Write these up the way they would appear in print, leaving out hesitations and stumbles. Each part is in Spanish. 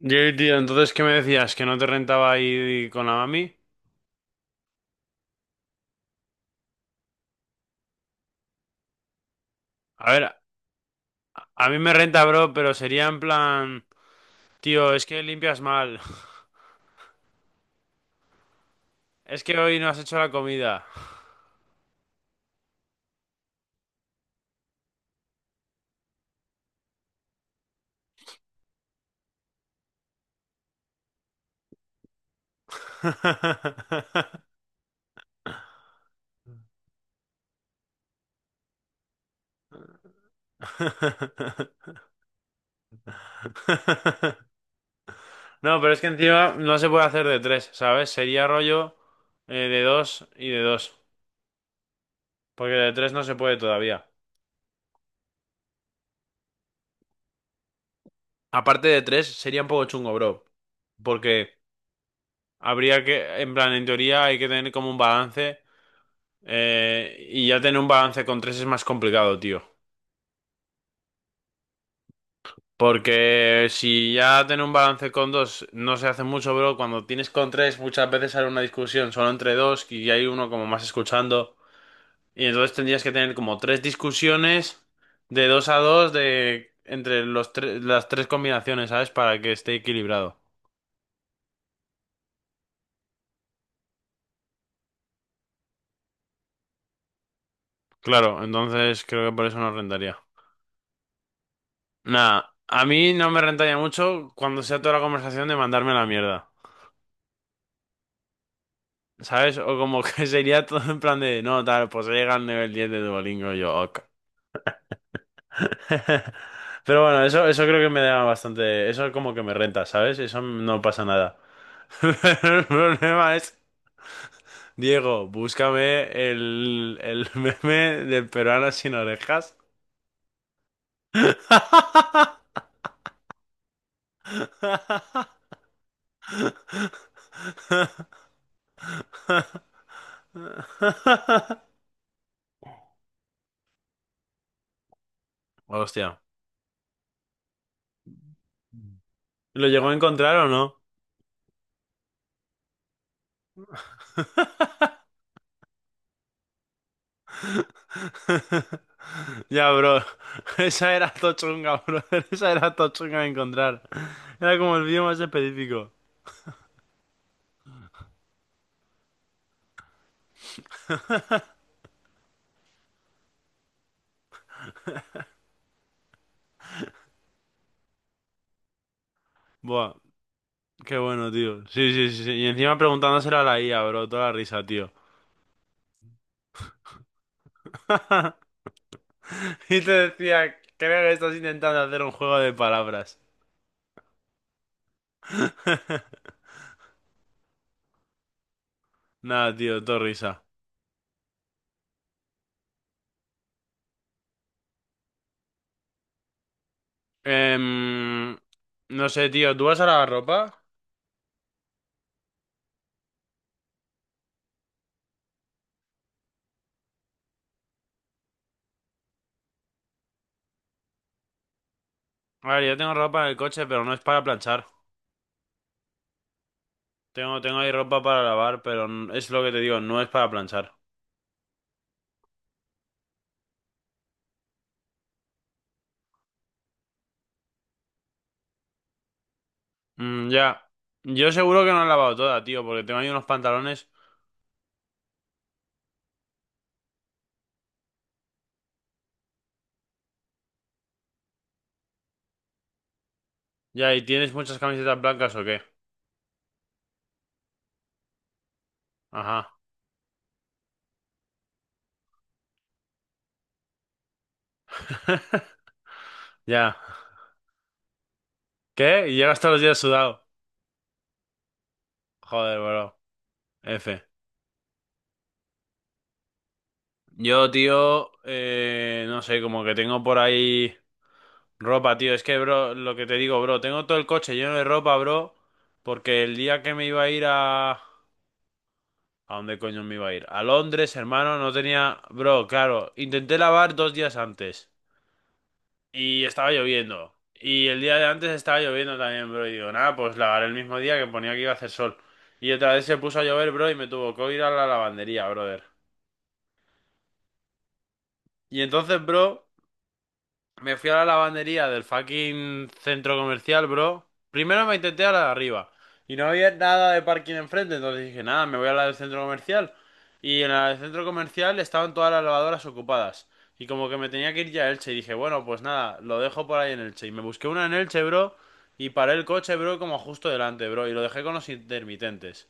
Yo, tío, entonces, ¿qué me decías? ¿Que no te rentaba ir con la mami? A ver, a mí me renta, bro, pero sería en plan, tío, es que limpias mal. Es que hoy no has hecho la comida. No, pero es que encima no se puede hacer de tres, ¿sabes? Sería rollo de dos y de dos, porque de tres no se puede todavía. Aparte de tres, sería un poco chungo, bro, porque habría que, en plan, en teoría hay que tener como un balance. Y ya tener un balance con tres es más complicado, tío. Porque si ya tener un balance con dos no se hace mucho, bro. Cuando tienes con tres, muchas veces sale una discusión solo entre dos y hay uno como más escuchando. Y entonces tendrías que tener como tres discusiones de dos a dos de entre los tres, las tres combinaciones, ¿sabes? Para que esté equilibrado. Claro, entonces creo que por eso no rentaría. Nada, a mí no me rentaría mucho cuando sea toda la conversación de mandarme a la mierda. ¿Sabes? O como que sería todo en plan de, no, tal, pues llega al nivel 10 de Duolingo y yo, ok. Pero bueno, eso creo que me da bastante, eso como que me renta, ¿sabes? Eso no pasa nada. Pero el problema es, Diego, búscame el meme del peruano sin orejas. Hostia. ¿Lo llegó a encontrar o no? Ya, bro. Esa era tochunga, bro. Esa era tochunga de encontrar. Era como el vídeo más específico. Buah, qué bueno, tío. Sí, sí, sí. Sí. Y encima preguntándoselo a la IA, bro. Toda la risa, tío. Y te decía, creo que estás intentando hacer un juego de palabras. Nada, tío, todo risa. Em, no sé, tío, ¿tú vas a lavar ropa? A ver, yo tengo ropa en el coche, pero no es para planchar. Tengo ahí ropa para lavar, pero es lo que te digo, no es para planchar. Mm, ya. Yo seguro que no la he lavado toda, tío, porque tengo ahí unos pantalones. Ya, ¿y tienes muchas camisetas blancas o qué? Ajá. Ya. ¿Qué? ¿Y llegas todos los días sudado? Joder, bro. F. Yo, tío, no sé, como que tengo por ahí ropa, tío. Es que, bro, lo que te digo, bro, tengo todo el coche lleno de ropa, bro, porque el día que me iba a ir a... ¿A dónde coño me iba a ir? A Londres, hermano, no tenía... Bro, claro, intenté lavar 2 días antes. Y estaba lloviendo. Y el día de antes estaba lloviendo también, bro. Y digo, nada, pues lavaré el mismo día que ponía que iba a hacer sol. Y otra vez se puso a llover, bro, y me tuvo que ir a la lavandería, brother. Y entonces, bro, me fui a la lavandería del fucking centro comercial, bro. Primero me intenté a la de arriba. Y no había nada de parking enfrente, entonces dije, nada, me voy a la del centro comercial. Y en la del centro comercial estaban todas las lavadoras ocupadas. Y como que me tenía que ir ya a Elche, y dije, bueno, pues nada, lo dejo por ahí en Elche. Y me busqué una en Elche, bro, y paré el coche, bro, como justo delante, bro, y lo dejé con los intermitentes.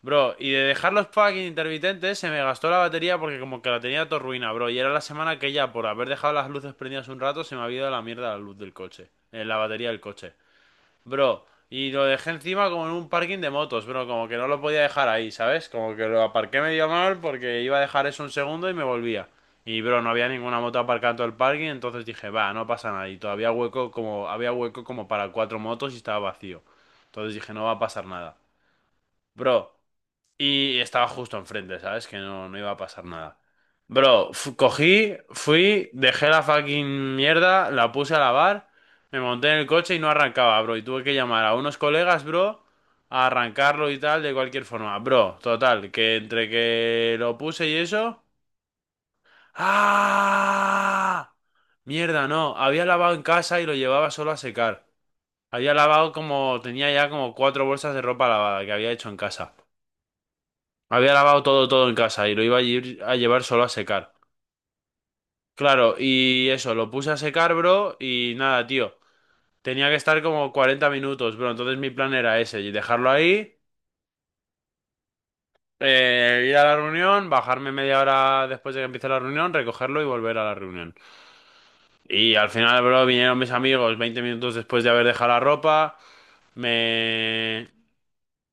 Bro, y de dejar los fucking intermitentes se me gastó la batería porque como que la tenía todo ruina, bro. Y era la semana que ya por haber dejado las luces prendidas un rato se me había ido la mierda la luz del coche. La batería del coche. Bro, y lo dejé encima como en un parking de motos, bro. Como que no lo podía dejar ahí, ¿sabes? Como que lo aparqué medio mal porque iba a dejar eso un segundo y me volvía. Y bro, no había ninguna moto aparcada en todo el parking, entonces dije, va, no pasa nada. Y todavía hueco como, había hueco como para cuatro motos y estaba vacío. Entonces dije, no va a pasar nada. Bro. Y estaba justo enfrente, ¿sabes? Que no, no iba a pasar nada. Bro, cogí, fui, dejé la fucking mierda, la puse a lavar, me monté en el coche y no arrancaba, bro. Y tuve que llamar a unos colegas, bro, a arrancarlo y tal, de cualquier forma. Bro, total, que entre que lo puse y eso... ¡Ah! Mierda, no. Había lavado en casa y lo llevaba solo a secar. Había lavado como... Tenía ya como cuatro bolsas de ropa lavada que había hecho en casa. Había lavado todo, todo en casa y lo iba a ir a llevar solo a secar. Claro, y eso, lo puse a secar, bro, y nada, tío. Tenía que estar como 40 minutos, bro. Entonces mi plan era ese, y dejarlo ahí, ir a la reunión, bajarme media hora después de que empiece la reunión, recogerlo y volver a la reunión. Y al final, bro, vinieron mis amigos 20 minutos después de haber dejado la ropa, me,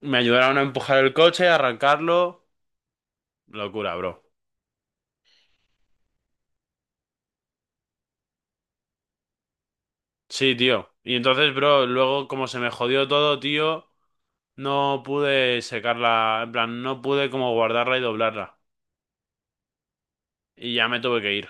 me ayudaron a empujar el coche, a arrancarlo. Locura, bro. Sí, tío. Y entonces, bro, luego como se me jodió todo, tío, no pude secarla, en plan, no pude como guardarla y doblarla. Y ya me tuve que ir.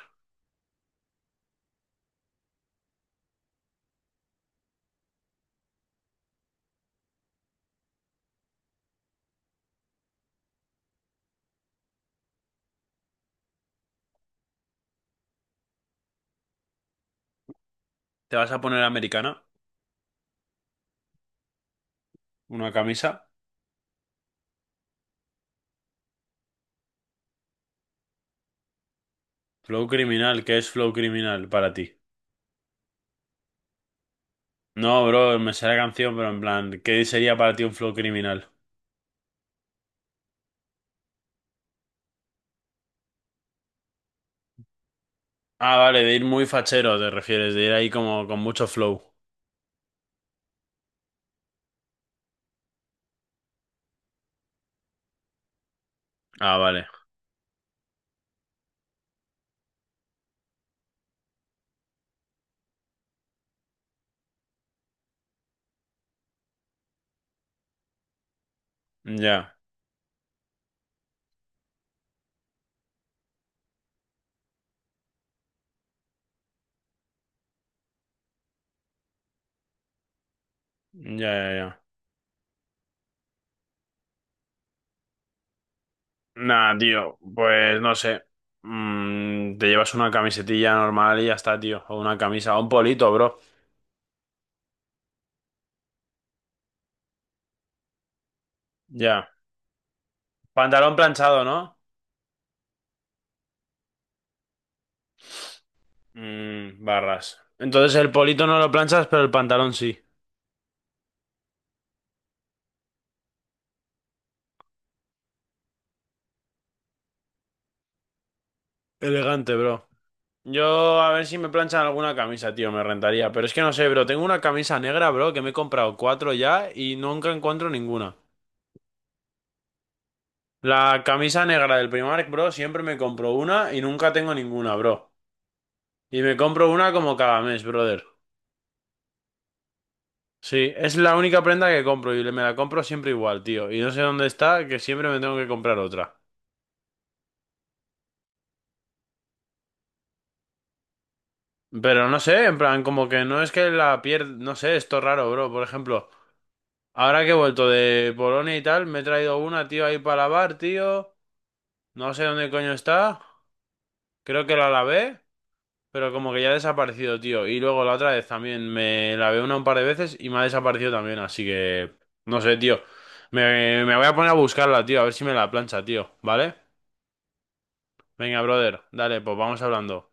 ¿Te vas a poner americana? ¿Una camisa? Flow criminal, ¿qué es flow criminal para ti? No, bro, me sé la canción, pero en plan, ¿qué sería para ti un flow criminal? Ah, vale, de ir muy fachero, te refieres, de ir ahí como con mucho flow. Ah, vale. Ya, ya, ya, ya. Nah, tío, pues no sé. Mm, te llevas una camisetilla normal y ya está, tío. O una camisa, o un polito, bro. Ya. Pantalón planchado, ¿no? Mm, barras. Entonces el polito no lo planchas, pero el pantalón sí. Elegante, bro. Yo a ver si me planchan alguna camisa, tío, me rentaría. Pero es que no sé, bro. Tengo una camisa negra, bro, que me he comprado cuatro ya y nunca encuentro ninguna. La camisa negra del Primark, bro, siempre me compro una y nunca tengo ninguna, bro. Y me compro una como cada mes, brother. Sí, es la única prenda que compro y me la compro siempre igual, tío. Y no sé dónde está, que siempre me tengo que comprar otra. Pero no sé, en plan, como que no es que la pierda, no sé, esto es raro, bro. Por ejemplo, ahora que he vuelto de Polonia y tal, me he traído una, tío, ahí para lavar, tío. No sé dónde coño está. Creo que la lavé, pero como que ya ha desaparecido, tío. Y luego la otra vez también me lavé una un par de veces y me ha desaparecido también, así que... No sé, tío. Me voy a poner a buscarla, tío, a ver si me la plancha, tío, ¿vale? Venga, brother, dale, pues vamos hablando.